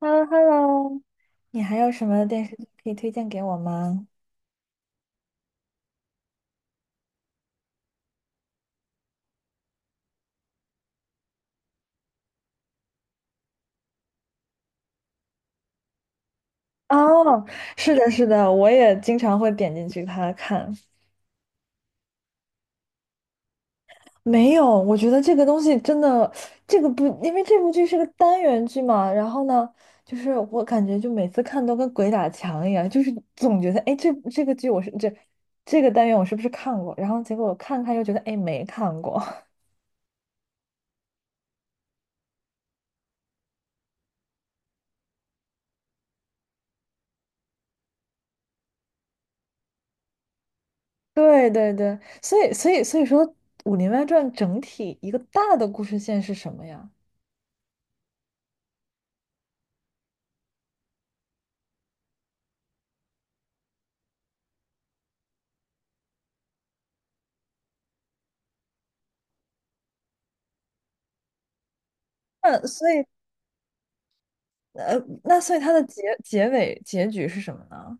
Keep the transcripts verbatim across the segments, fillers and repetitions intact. h e l l o h e l l o 你还有什么电视剧可以推荐给我吗？哦，是的，是的，我也经常会点进去它看。没有，我觉得这个东西真的，这个不，因为这部剧是个单元剧嘛，然后呢，就是我感觉就每次看都跟鬼打墙一样，就是总觉得，哎，这这个剧我是这这个单元我是不是看过？然后结果我看看又觉得，哎，没看过。对对对，所以所以所以说，《武林外传》整体一个大的故事线是什么呀？那所以，呃，那所以它的结结尾结局是什么呢？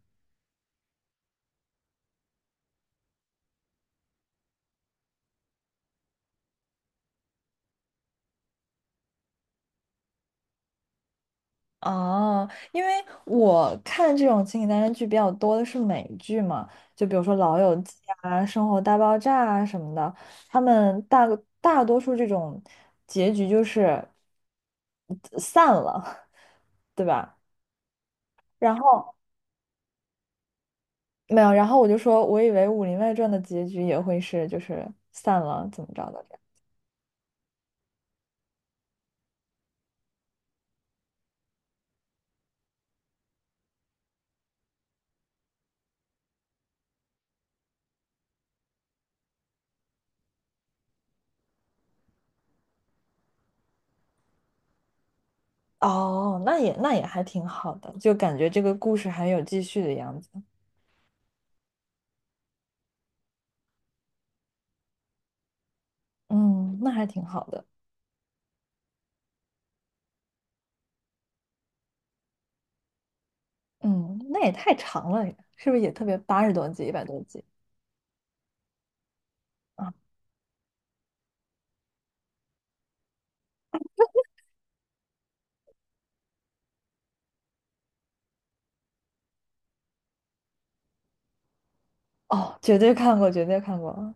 哦，因为我看这种情景单元剧比较多的是美剧嘛，就比如说《老友记》啊、《生活大爆炸》啊什么的，他们大大多数这种结局就是散了，对吧？然后没有，然后我就说，我以为《武林外传》的结局也会是就是散了，怎么着的？哦，那也那也还挺好的，就感觉这个故事还有继续的样子。嗯，那还挺好的。嗯，那也太长了，是不是也特别八十多集、一百多集啊？哦，绝对看过，绝对看过啊，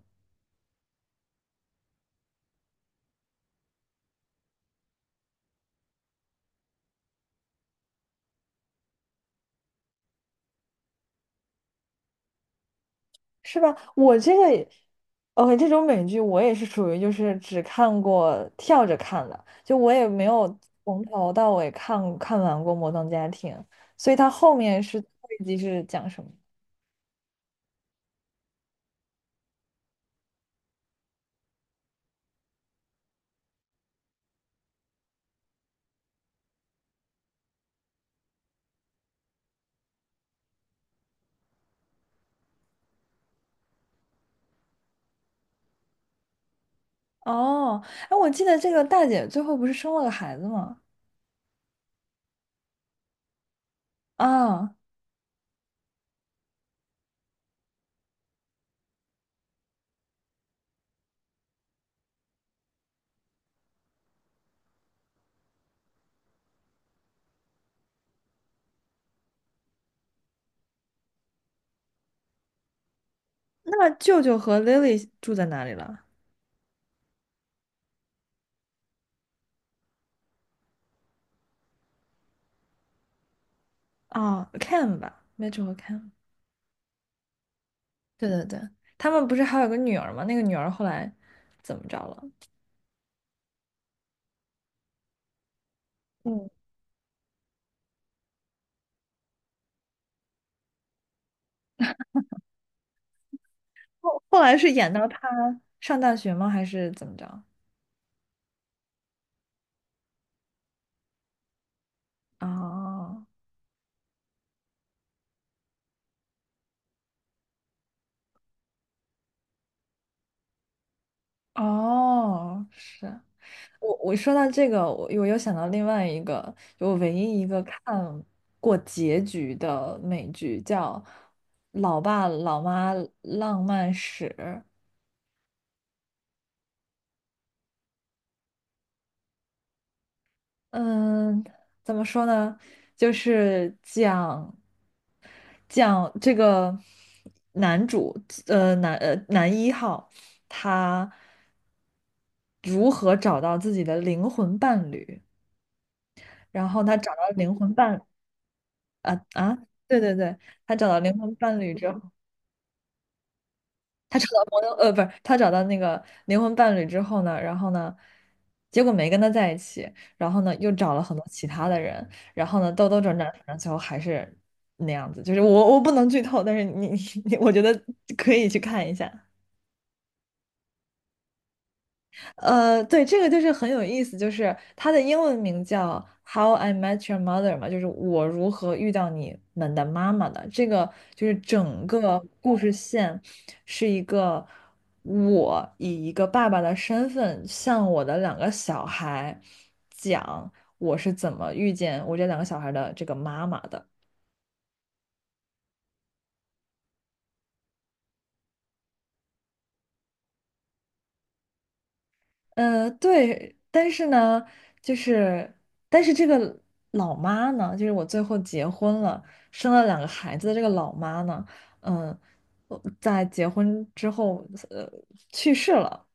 是吧？我这个也 o 这种美剧我也是属于就是只看过跳着看的，就我也没有从头到尾看看完过《摩登家庭》，所以它后面是最后一集是讲什么？哦，哎，我记得这个大姐最后不是生了个孩子吗？啊，那舅舅和 Lily 住在哪里了？啊 c a m 吧 m i t c h 和 Cam。对对对，他们不是还有个女儿吗？那个女儿后来怎么着了？嗯，后后来是演到她上大学吗？还是怎么着？啊，哦，是我我说到这个，我我又想到另外一个，就我唯一一个看过结局的美剧叫《老爸老妈浪漫史》。嗯，怎么说呢？就是讲讲这个男主，呃，男呃男一号，他如何找到自己的灵魂伴侣，然后他找到灵魂伴啊啊，对对对，他找到灵魂伴侣之后。他找到朋友，呃，不是，他找到那个灵魂伴侣之后呢，然后呢，结果没跟他在一起，然后呢，又找了很多其他的人，然后呢，兜兜转转，反正最后还是那样子。就是我我不能剧透，但是你你 我觉得可以去看一下。呃，对，这个就是很有意思，就是它的英文名叫《How I Met Your Mother》嘛，就是我如何遇到你们的妈妈的。这个就是整个故事线是一个我以一个爸爸的身份向我的两个小孩讲我是怎么遇见我这两个小孩的这个妈妈的。呃，对，但是呢，就是，但是这个老妈呢，就是我最后结婚了，生了两个孩子的这个老妈呢，嗯、我在结婚之后，呃，去世了。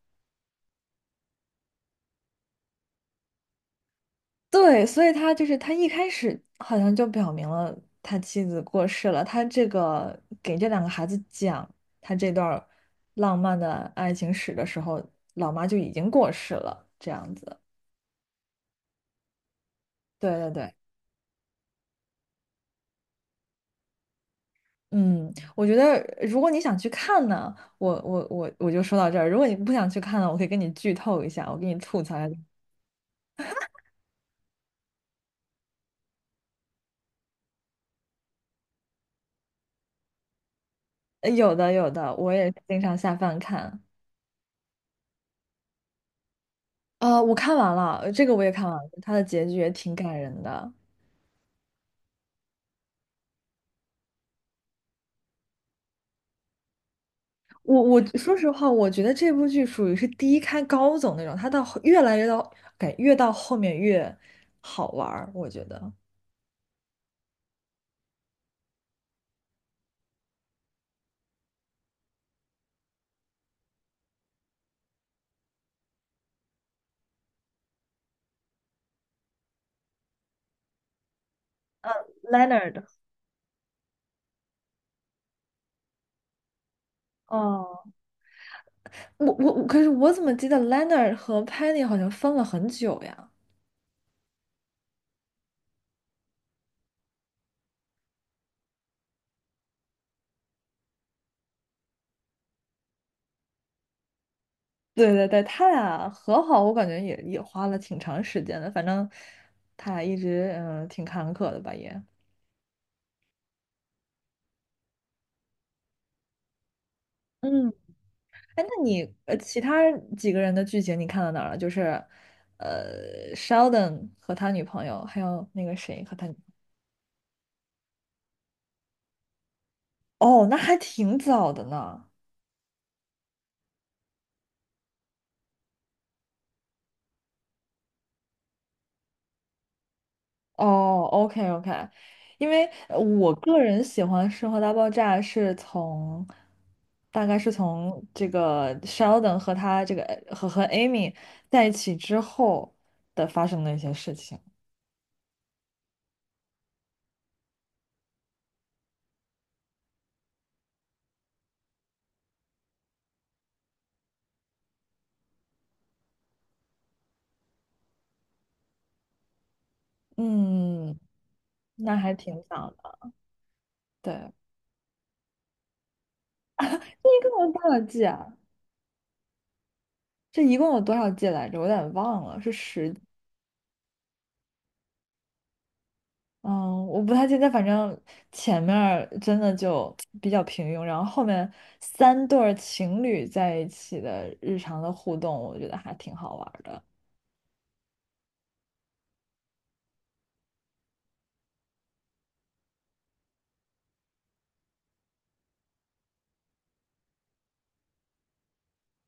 对，所以他就是他一开始好像就表明了他妻子过世了，他这个给这两个孩子讲他这段儿浪漫的爱情史的时候，老妈就已经过世了，这样子。对对对。嗯，我觉得如果你想去看呢，我我我我就说到这儿。如果你不想去看呢，我可以跟你剧透一下，我给你吐槽一下。呃有的有的，我也经常下饭看。啊。我看完了，呃这个我也看完了，它的结局也挺感人的。我我说实话，我觉得这部剧属于是低开高走那种，它到后越来越到感越到后面越好玩儿，我觉得。Leonard，哦，我我我，可是我怎么记得 Leonard 和 Penny 好像分了很久呀？对对对，他俩和好，我感觉也也花了挺长时间的，反正他俩一直嗯挺坎坷的吧也。嗯，哎，那你呃其他几个人的剧情你看到哪儿了？就是呃，Sheldon 和他女朋友，还有那个谁和他女朋友哦，那还挺早的呢。哦，OK OK，因为呃我个人喜欢《生活大爆炸》是从，大概是从这个 Sheldon 和他这个呃和和 Amy 在一起之后的发生的一些事情。嗯，那还挺早的。对，这一共有多少季啊？这一共有多少季来着？我有点忘了，是十。嗯，我不太记得，反正前面儿真的就比较平庸，然后后面三对儿情侣在一起的日常的互动，我觉得还挺好玩儿的。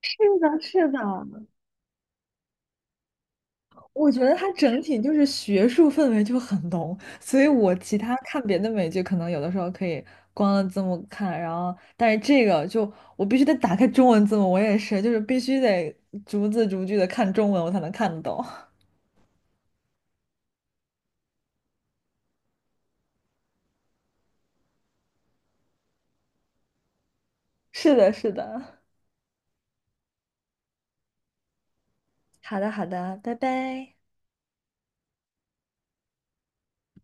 是的，是的，我觉得它整体就是学术氛围就很浓，所以我其他看别的美剧，可能有的时候可以光了字幕看，然后但是这个就我必须得打开中文字幕，我也是，就是必须得逐字逐句的看中文，我才能看得懂。是的，是的。好的，好的，拜拜。